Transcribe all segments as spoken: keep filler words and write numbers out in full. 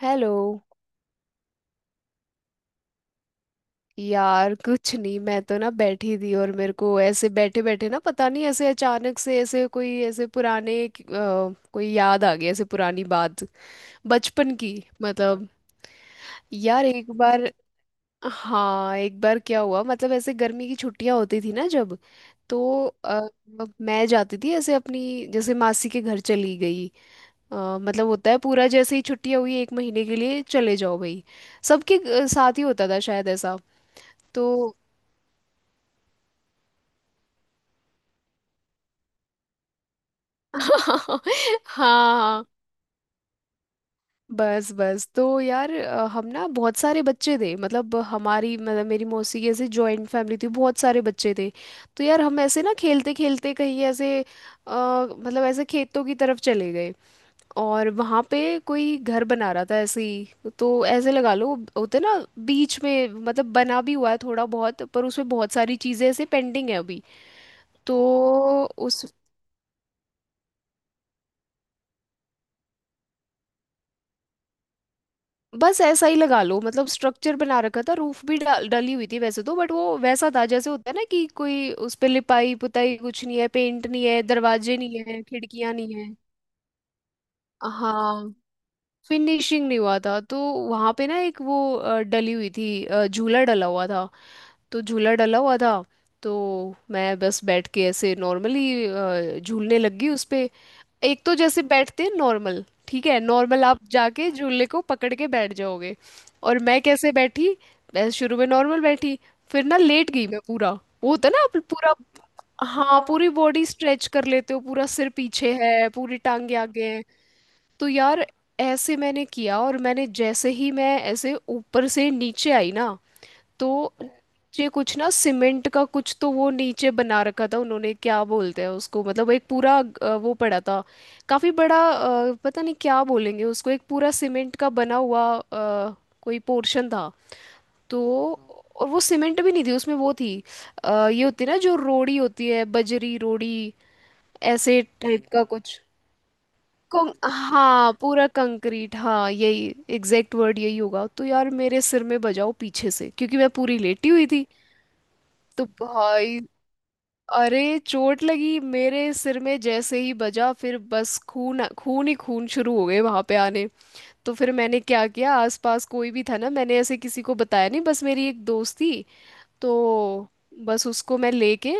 Hello. यार कुछ नहीं, मैं तो ना बैठी थी और मेरे को ऐसे बैठे बैठे ना, पता नहीं ऐसे अचानक से ऐसे कोई ऐसे पुराने क- अ, कोई याद आ गई, ऐसे पुरानी बात, बचपन की। मतलब यार एक बार, हाँ एक बार क्या हुआ, मतलब ऐसे गर्मी की छुट्टियां होती थी ना जब। तो अ, अब मैं जाती थी ऐसे अपनी जैसे मासी के घर चली गई। अ, मतलब होता है पूरा जैसे ही छुट्टियां हुई एक महीने के लिए चले जाओ भाई, सबके अ, साथ ही होता था शायद ऐसा। तो हाँ, बस बस तो यार अ, हम ना बहुत सारे बच्चे थे, मतलब हमारी मतलब मेरी मौसी की ऐसे जॉइंट फैमिली थी, बहुत सारे बच्चे थे। तो यार हम ऐसे ना खेलते खेलते कहीं ऐसे अ, मतलब ऐसे खेतों की तरफ चले गए। और वहाँ पे कोई घर बना रहा था, ऐसे ही तो ऐसे लगा लो होते ना, बीच में मतलब बना भी हुआ है थोड़ा बहुत, पर उसमें बहुत सारी चीज़ें ऐसे पेंडिंग है अभी। तो बस ऐसा ही लगा लो, मतलब स्ट्रक्चर बना रखा था, रूफ भी डा, डली हुई थी वैसे तो, बट वो वैसा था जैसे होता है ना कि कोई उस पे लिपाई पुताई कुछ नहीं है, पेंट नहीं है, दरवाजे नहीं है, खिड़कियां नहीं है। हाँ फिनिशिंग नहीं हुआ था। तो वहां पे ना एक वो अ, डली हुई थी, अ, झूला डला हुआ था। तो झूला डला हुआ था, तो मैं बस बैठ के ऐसे नॉर्मली झूलने लग गई उस पे। एक तो जैसे बैठते हैं नॉर्मल, ठीक है, नॉर्मल आप जाके झूले को पकड़ के बैठ जाओगे। और मैं कैसे बैठी, मैं शुरू में नॉर्मल बैठी, फिर ना लेट गई मैं पूरा, वो होता है ना आप पूरा, हाँ पूरी बॉडी स्ट्रेच कर लेते हो, पूरा सिर पीछे है, पूरी टांगे आगे हैं। तो यार ऐसे मैंने किया, और मैंने जैसे ही मैं ऐसे ऊपर से नीचे आई ना, तो ये कुछ ना सीमेंट का कुछ तो वो नीचे बना रखा था उन्होंने, क्या बोलते हैं उसको, मतलब एक पूरा अ, वो पड़ा था, काफी बड़ा अ, पता नहीं क्या बोलेंगे उसको, एक पूरा सीमेंट का बना हुआ अ, कोई पोर्शन था। तो और वो सीमेंट भी नहीं थी उसमें, वो थी अ, ये होती है ना जो रोड़ी होती है, बजरी रोड़ी, ऐसे टाइप का कुछ। कं- हाँ पूरा कंक्रीट, हाँ यही, एग्जैक्ट वर्ड यही होगा। तो यार मेरे सिर में बजाओ पीछे से, क्योंकि मैं पूरी लेटी हुई थी। तो भाई, अरे चोट लगी, मेरे सिर में जैसे ही बजा, फिर बस खून, खून ही खून शुरू हो गए वहां पे आने। तो फिर मैंने क्या किया, आसपास कोई भी था ना, मैंने ऐसे किसी को बताया नहीं, बस मेरी एक दोस्त थी। तो बस उसको मैं लेके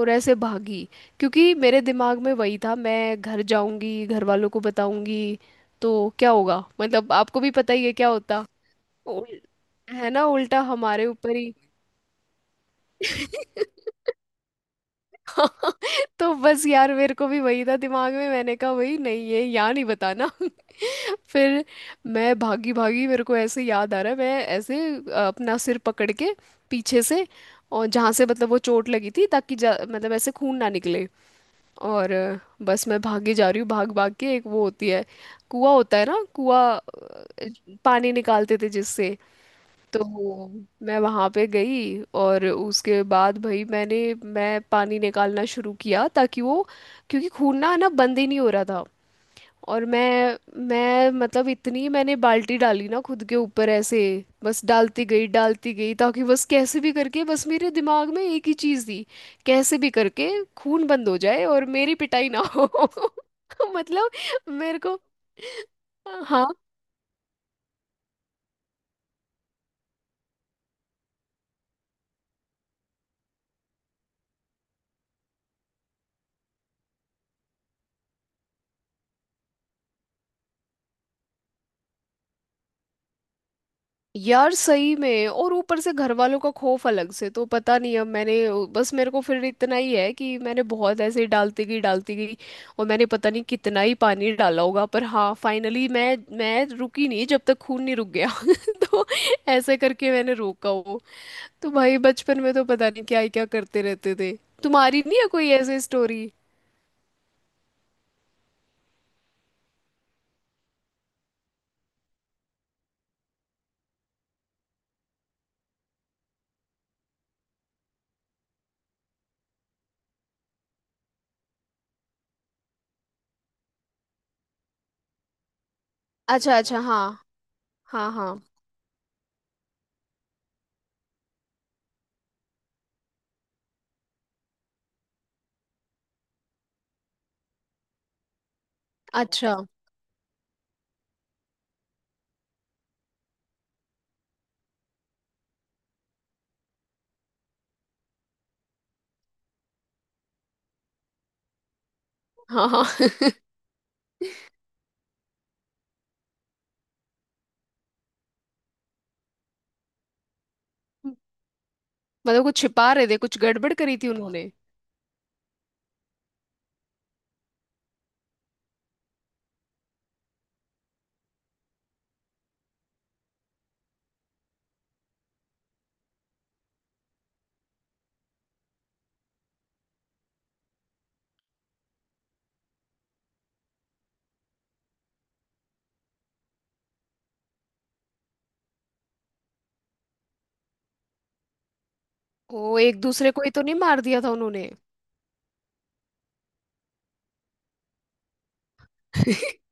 और ऐसे भागी, क्योंकि मेरे दिमाग में वही था मैं घर जाऊंगी, घर वालों को बताऊंगी तो क्या होगा, मतलब आपको भी पता ही है क्या होता। उल- है ना, उल्टा हमारे ऊपर ही। तो बस यार मेरे को भी वही था दिमाग में, मैंने कहा वही नहीं, ये यहाँ नहीं बताना। फिर मैं भागी भागी, मेरे को ऐसे याद आ रहा है, मैं ऐसे अ, अपना सिर पकड़ के पीछे से, और जहाँ से मतलब वो चोट लगी थी ताकि जा- मतलब ऐसे खून ना निकले। और अ, बस मैं भागी जा रही हूँ भाग भाग के, एक वो होती है, कुआं होता है ना, कुआं, अ, पानी निकालते थे जिससे। तो मैं वहां पे गई और उसके बाद भाई मैंने, मैं पानी निकालना शुरू किया ताकि वो, क्योंकि खून ना ना बंद ही नहीं हो रहा था। और मैं मैं मतलब इतनी मैंने बाल्टी डाली ना खुद के ऊपर ऐसे, बस डालती गई डालती गई ताकि बस कैसे भी करके, बस मेरे दिमाग में एक ही चीज़ थी कैसे भी करके खून बंद हो जाए और मेरी पिटाई ना हो। मतलब मेरे को, हाँ यार सही में, और ऊपर से घर वालों का खौफ अलग से, तो पता नहीं अब मैंने, बस मेरे को फिर इतना ही है कि मैंने बहुत ऐसे ही डालती गई डालती गई, और मैंने पता नहीं कितना ही पानी डाला होगा, पर हाँ फाइनली मैं मैं रुकी नहीं जब तक खून नहीं रुक गया। तो ऐसे करके मैंने रोका वो। तो भाई बचपन में तो पता नहीं क्या ही क्या करते रहते थे। तुम्हारी नहीं है कोई ऐसी स्टोरी? अच्छा अच्छा, हाँ, हाँ हाँ, अच्छा, हाँ हाँ। मतलब कुछ छिपा रहे थे, कुछ गड़बड़ करी थी उन्होंने। ओ, एक दूसरे को ही तो नहीं मार दिया था उन्होंने?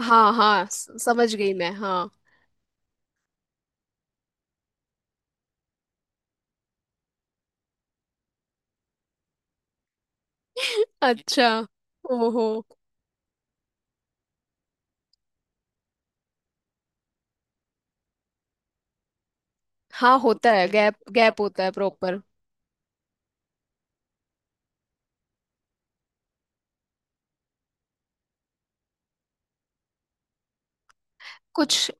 हाँ हाँ, स- समझ गई मैं, हाँ। अच्छा, ओहो, हाँ होता है गैप, गैप होता है प्रॉपर। कुछ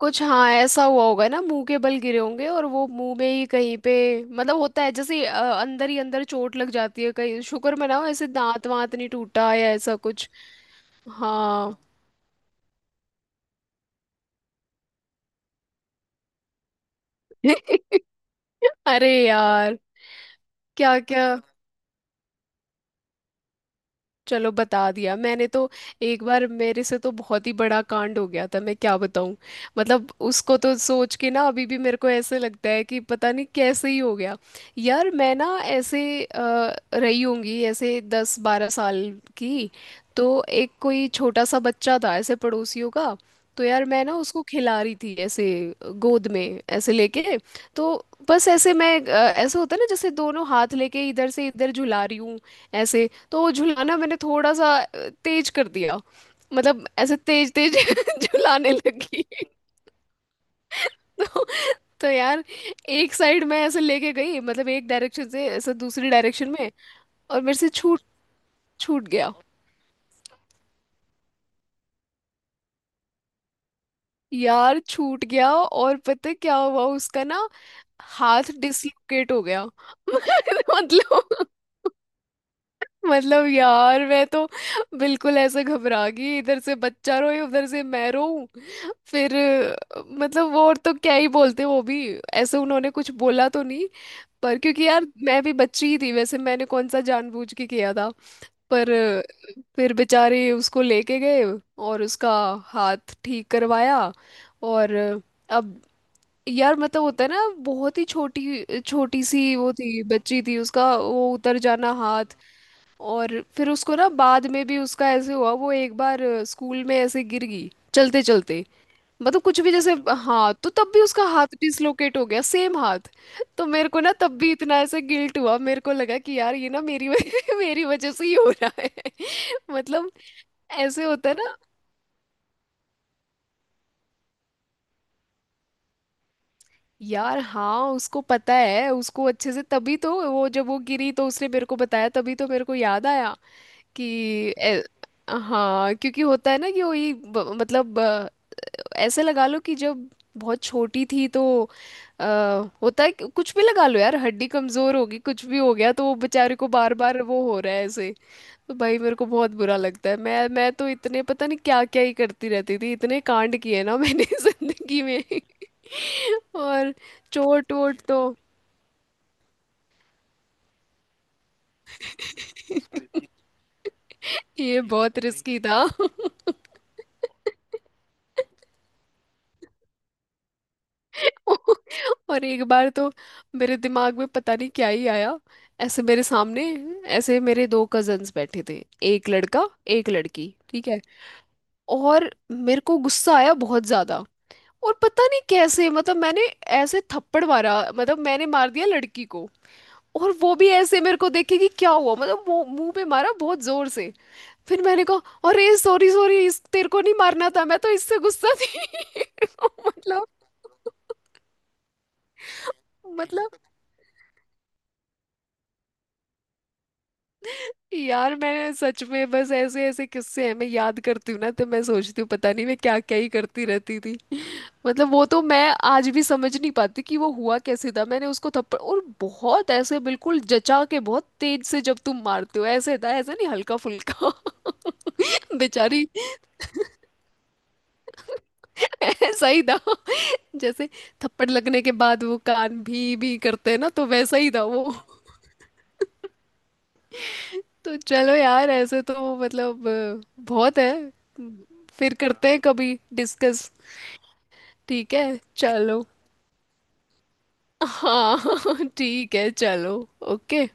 कुछ, हाँ ऐसा हुआ होगा ना, मुंह के बल गिरे होंगे और वो मुंह में ही कहीं पे, मतलब होता है जैसे अ, अंदर ही अंदर चोट लग जाती है कहीं, शुक्र मनाओ ऐसे दांत वांत नहीं टूटा या ऐसा कुछ। हाँ। अरे यार, क्या क्या। चलो बता दिया मैंने तो। एक बार मेरे से तो बहुत ही बड़ा कांड हो गया था, मैं क्या बताऊं, मतलब उसको तो सोच के ना अभी भी मेरे को ऐसे लगता है कि पता नहीं कैसे ही हो गया। यार मैं ना ऐसे अ, रही होंगी ऐसे दस बारह साल की। तो एक कोई छोटा सा बच्चा था ऐसे पड़ोसियों का, तो यार मैं ना उसको खिला रही थी ऐसे गोद में ऐसे लेके। तो बस ऐसे मैं अ, ऐसे होता है ना जैसे दोनों हाथ लेके इधर से इधर झुला रही हूँ ऐसे। तो झुलाना मैंने थोड़ा सा अ, तेज कर दिया, मतलब ऐसे तेज तेज झुलाने लगी। तो, तो यार एक साइड मैं ऐसे लेके गई, मतलब एक डायरेक्शन से ऐसे दूसरी डायरेक्शन में, और मेरे से छूट छूट गया। यार छूट गया, और पता है क्या हुआ उसका ना, हाथ डिसलोकेट हो गया। मतलब मतलब यार मैं तो बिल्कुल ऐसे घबरा गई, इधर से बच्चा रोए उधर से मैं रो। फिर अ, मतलब वो और तो क्या ही बोलते, वो भी ऐसे उन्होंने कुछ बोला तो नहीं। पर क्योंकि यार मैं भी बच्ची ही थी वैसे, मैंने कौन सा जानबूझ के किया था। पर अ, फिर बेचारे उसको लेके गए और उसका हाथ ठीक करवाया। और अ, अब यार मतलब होता है ना, बहुत ही छोटी छोटी सी वो थी, बच्ची थी, उसका वो उतर जाना हाथ। और फिर उसको ना बाद में भी उसका ऐसे हुआ, वो एक बार अ, स्कूल में ऐसे गिर गई चलते चलते, मतलब कुछ भी जैसे। हाँ तो तब भी उसका हाथ डिसलोकेट हो गया, सेम हाथ। तो मेरे को ना तब भी इतना ऐसे गिल्ट हुआ, मेरे को लगा कि यार ये ना मेरी वजह- मेरी वजह से ही हो रहा है। मतलब ऐसे होता है ना यार। हाँ उसको पता है, उसको अच्छे से, तभी तो वो जब वो गिरी तो उसने मेरे को बताया, तभी तो मेरे को याद आया कि ए, हाँ क्योंकि होता है ना कि वही ब- मतलब ऐसे लगा लो कि जब बहुत छोटी थी तो आ, होता है कि- कुछ भी लगा लो यार, हड्डी कमजोर होगी, कुछ भी हो गया तो वो बेचारे को बार बार वो हो रहा है ऐसे। तो भाई मेरे को बहुत बुरा लगता है, मैं मैं तो इतने पता नहीं क्या क्या ही करती रहती थी, इतने कांड किए ना मैंने जिंदगी में। और चोट वोट तो, ये बहुत भाई रिस्की था। और एक बार तो मेरे दिमाग में पता नहीं क्या ही आया, ऐसे मेरे सामने ऐसे मेरे दो कजन्स बैठे थे, एक लड़का एक लड़की, ठीक है। और मेरे को गुस्सा आया बहुत ज्यादा, और पता नहीं कैसे, मतलब मैंने ऐसे थप्पड़ मारा, मतलब मैंने मार दिया लड़की को। और वो भी ऐसे मेरे को देखे कि क्या हुआ, मतलब वो मुंह पे मारा बहुत जोर से। फिर मैंने कहा अरे सॉरी सॉरी, इस तेरे को नहीं मारना था, मैं तो इससे गुस्सा थी। मतलब, मतलब यार मैंने सच में बस ऐसे ऐसे किस्से हैं, मैं याद करती हूँ ना तो मैं सोचती हूँ पता नहीं मैं क्या क्या ही करती रहती थी। मतलब वो तो मैं आज भी समझ नहीं पाती कि वो हुआ कैसे था, मैंने उसको थप्पड़ और बहुत ऐसे बिल्कुल जचा के बहुत तेज से जब तुम मारते हो ऐसे था, ऐसा नहीं हल्का फुल्का। बेचारी। ऐसा ही था जैसे थप्पड़ लगने के बाद वो कान भी भी करते हैं ना, तो वैसा ही था वो। तो चलो यार, ऐसे तो मतलब अ, बहुत है, फिर करते हैं कभी डिस्कस। ठीक है, चलो। हाँ ठीक है चलो। ओके।